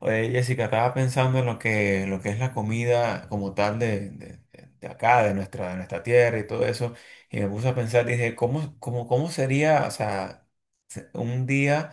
Oye, Jessica, estaba pensando en lo que es la comida como tal de acá, de nuestra tierra y todo eso, y me puse a pensar, dije, cómo sería, o sea, un día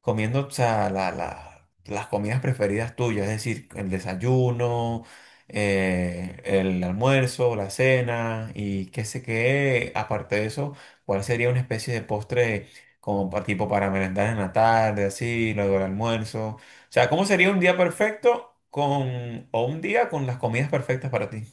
comiendo, o sea, las comidas preferidas tuyas, es decir, el desayuno, el almuerzo, la cena y qué sé qué, aparte de eso, ¿cuál sería una especie de postre como tipo para merendar en la tarde, así, luego el almuerzo? O sea, ¿cómo sería un día perfecto con, o un día con las comidas perfectas para ti?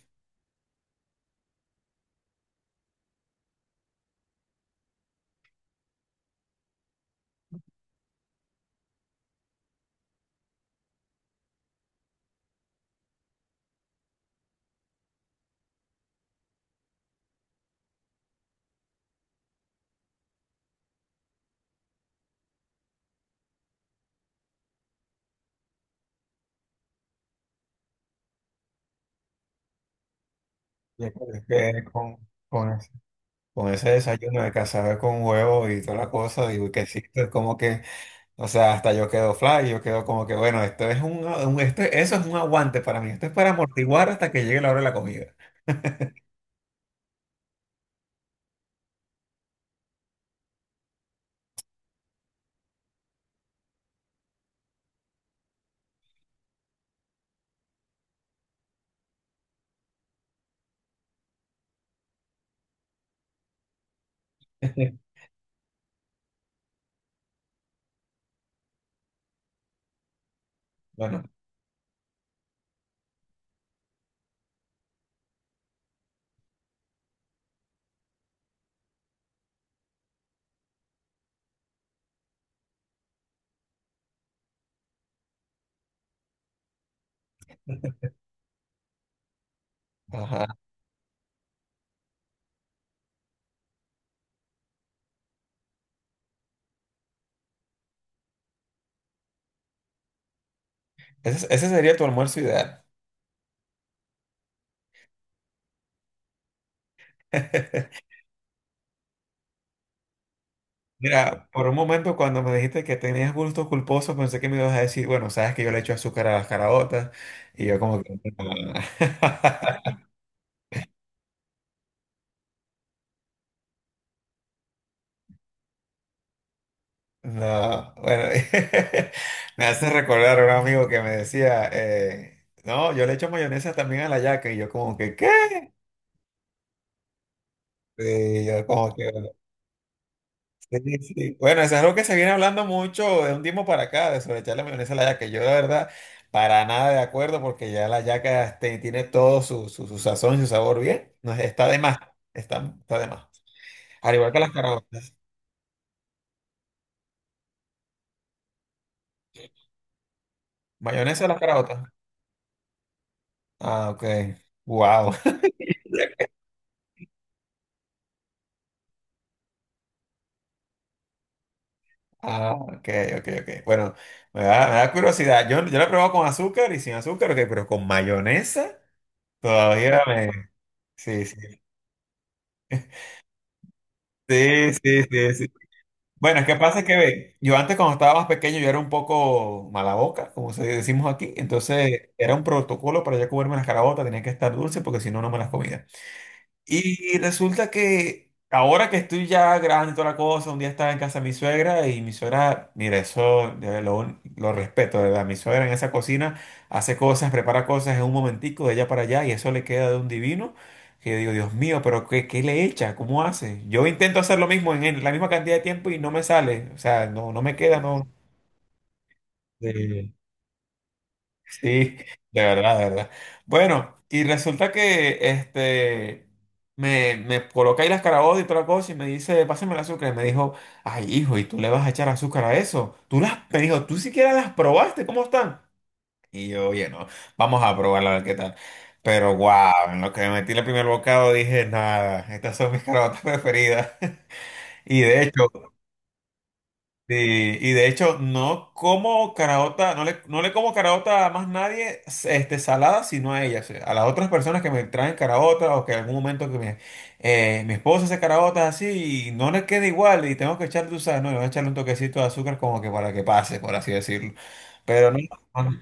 Ya que con, con ese desayuno de cazabe con huevo y toda la cosa, digo que sí, es como que. O sea, hasta yo quedo fly, yo quedo como que, bueno, esto es un- esto- eso es un aguante para mí, esto es para amortiguar hasta que llegue la hora de la comida. Bueno, ajá. Ese sería tu almuerzo ideal. Mira, por un momento cuando me dijiste que tenías gustos culposos, pensé que me ibas a decir, bueno, sabes que yo le echo azúcar a las caraotas, y yo como que... No, bueno, me hace recordar a un amigo que me decía, no, yo le echo mayonesa también a la yaca, y yo como que, ¿qué? Sí, yo como que, sí, sí. Bueno, eso es algo que se viene hablando mucho de un tiempo para acá, de sobreecharle mayonesa a la yaca. Yo, la verdad, para nada de acuerdo, porque ya la yaca este, tiene todo su sazón y su sabor bien. No, está de más, está de más. Al igual que las caraotas. ¿Mayonesa a las caraotas? Ah, ok. Wow. Ah, ok, ok, ok. Bueno, me da curiosidad. Yo la he probado con azúcar y sin azúcar, ok, pero con mayonesa todavía me. Sí, sí. Sí, sí, sí, sí. Bueno, es que pasa que ve, yo antes cuando estaba más pequeño yo era un poco mala boca, como se decimos aquí, entonces era un protocolo para yo comerme las carabotas, tenía que estar dulce porque si no, no me las comía. Y resulta que ahora que estoy ya grande y toda la cosa, un día estaba en casa de mi suegra y mi suegra, mira, eso de verdad, lo respeto, de verdad. Mi suegra en esa cocina hace cosas, prepara cosas en un momentico de allá para allá y eso le queda de un divino que digo, Dios mío, pero ¿qué, qué le echa? ¿Cómo hace? Yo intento hacer lo mismo en la misma cantidad de tiempo y no me sale, o sea, no, no me queda, no. Sí, de verdad, de verdad. Bueno, y resulta que este me coloca ahí las carabotas y toda la cosa y me dice, pásame el azúcar. Y me dijo, ay, hijo, ¿y tú le vas a echar azúcar a eso? Tú las, me dijo, tú siquiera las probaste, ¿cómo están? Y yo, oye, no, vamos a probarla a ver qué tal. Pero wow, en lo que me metí el primer bocado dije, nada, estas son mis carabotas preferidas. Y de hecho, sí, y de hecho no como caraota, no le como caraota a más nadie este, salada, sino a ellas, a las otras personas que me traen caraota o que en algún momento que me, mi esposa hace caraotas así y no les queda igual y tengo que echarle, tú sabes, no, le voy a echarle un toquecito de azúcar como que para que pase, por así decirlo. Pero no. No.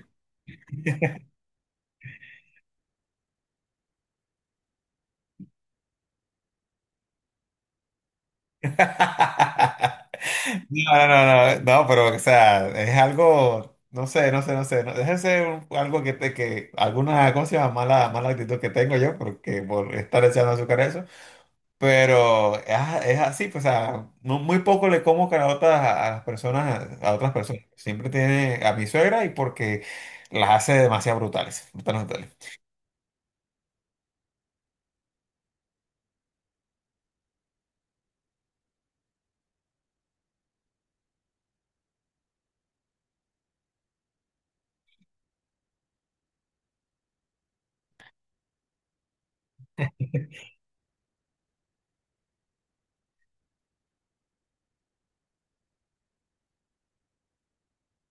No, no, no, no, no, no, pero o sea, es algo, no sé, no sé, no sé, no, algo que te, que alguna, ¿cómo se llama? Mala, mala actitud que tengo yo, porque por estar echando azúcar a eso, pero es, es así, pues, o sea, muy poco le como caraotas a las personas, a otras personas, siempre tiene a mi suegra y porque las hace demasiado brutales, brutales, brutales.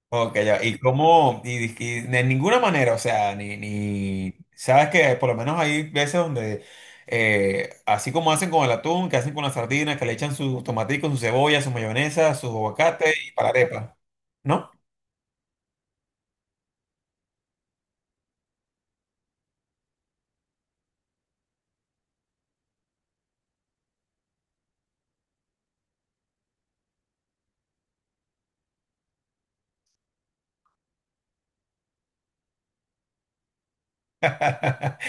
Ok, ya. Y cómo, y de ninguna manera, o sea, ni, sabes que por lo menos hay veces donde, así como hacen con el atún, que hacen con las sardinas, que le echan sus tomaticos, su cebolla, su mayonesa, su aguacate y para la arepa, ¿no?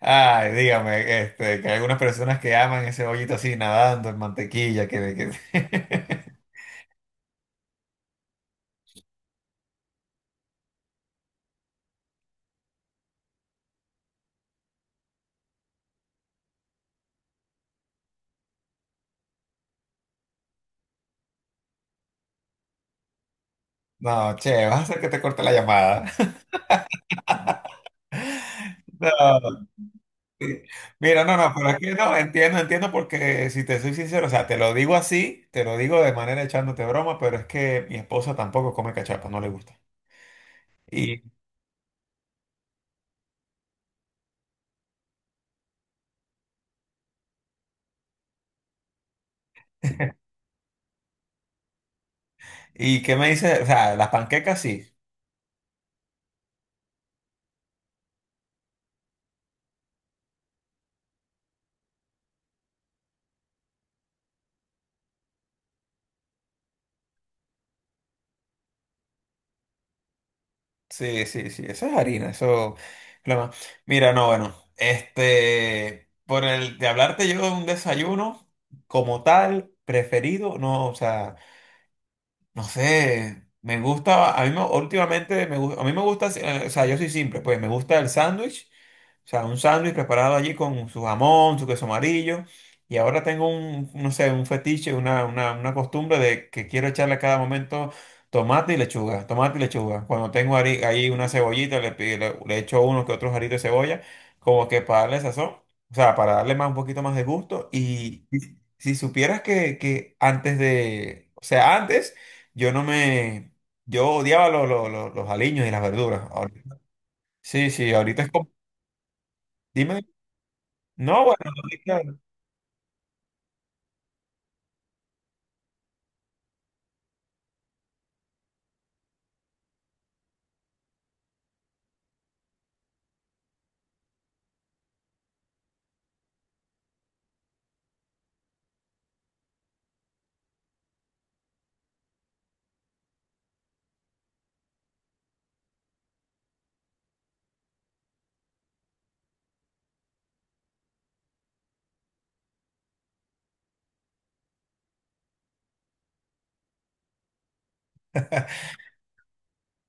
Ay, dígame, este, que hay algunas personas que aman ese bollito así nadando en mantequilla, que... No, che, vas a hacer que te corte la llamada. No. Mira, no, no, pero es que no, entiendo, entiendo porque si te soy sincero, o sea, te lo digo así, te lo digo de manera echándote broma, pero es que mi esposa tampoco come cachapa, no le gusta. Y, y qué me dice, o sea, las panquecas sí, sí, sí, sí, eso es harina, eso es lo más. Mira, no, bueno, este, por el de hablarte yo de un desayuno como tal, preferido, no, o sea. No sé, me gusta, a últimamente me gusta, a mí me gusta, o sea, yo soy simple, pues me gusta el sándwich, o sea, un sándwich preparado allí con su jamón, su queso amarillo, y ahora tengo un, no sé, un fetiche, una costumbre de que quiero echarle a cada momento tomate y lechuga, tomate y lechuga. Cuando tengo ahí una cebollita, le echo uno que otros aritos de cebolla, como que para darle sazón, o sea, para darle más, un poquito más de gusto, y si supieras que antes de, o sea, antes... Yo no me... Yo odiaba los aliños y las verduras. Ahorita- Sí, sí, ahorita es como... Dime. No, bueno, ahorita-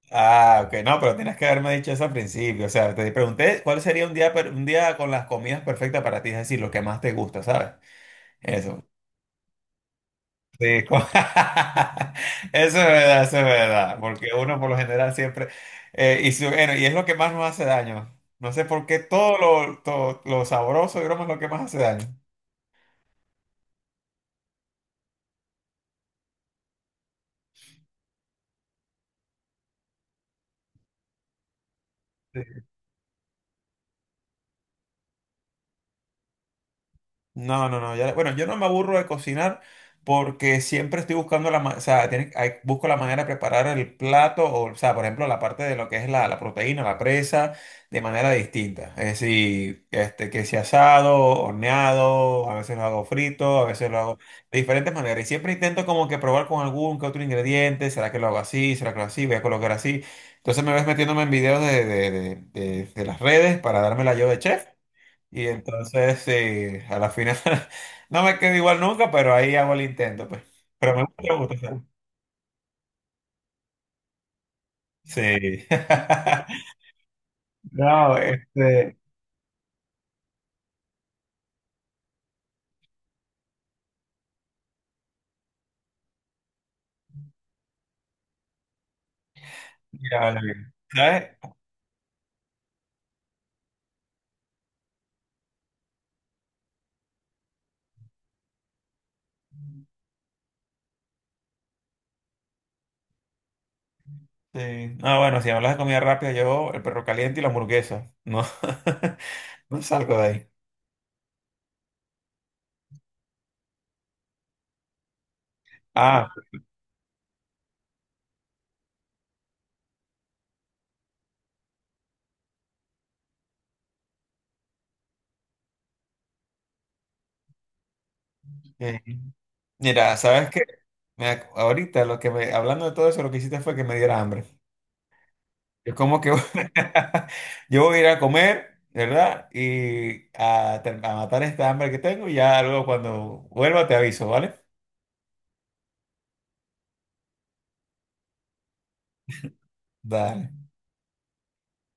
Ah, ok, no, pero tienes que haberme dicho eso al principio. O sea, te pregunté cuál sería un día, un día con las comidas perfectas para ti, es decir, lo que más te gusta, ¿sabes? Eso. Sí, eso es verdad, eso es verdad, porque uno por lo general siempre... bueno, y es lo que más nos hace daño. No sé por qué todo lo sabroso, digamos, es lo que más hace daño. No, no, no. Ya- bueno, yo no me aburro de cocinar porque siempre estoy buscando o sea, busco la manera de preparar el plato, o sea, por ejemplo, la parte de lo que es la proteína, la presa, de manera distinta. Es decir, este, que sea asado, horneado, a veces lo hago frito, a veces lo hago de diferentes maneras. Y siempre intento como que probar con algún que otro ingrediente. ¿Será que lo hago así? ¿Será que lo hago así? Voy a colocar así. Entonces me ves metiéndome en videos de las redes para darme la yo de chef. Y entonces, sí, a la final no me quedo igual nunca, pero ahí hago el intento, pues. Pero me gusta, me gusta. O sí. No, este, mira, vale, bien. ¿Sabes? Sí. No, bueno, si hablas de comida rápida, yo el perro caliente y la hamburguesa. No, no salgo de ahí. Ah, sí. Mira, ¿sabes qué? Ahorita lo que me, hablando de todo eso, lo que hiciste fue que me diera hambre. Es como que yo voy a ir a comer, ¿verdad? Y a, a matar esta hambre que tengo y ya luego cuando vuelva te aviso, ¿vale? Dale.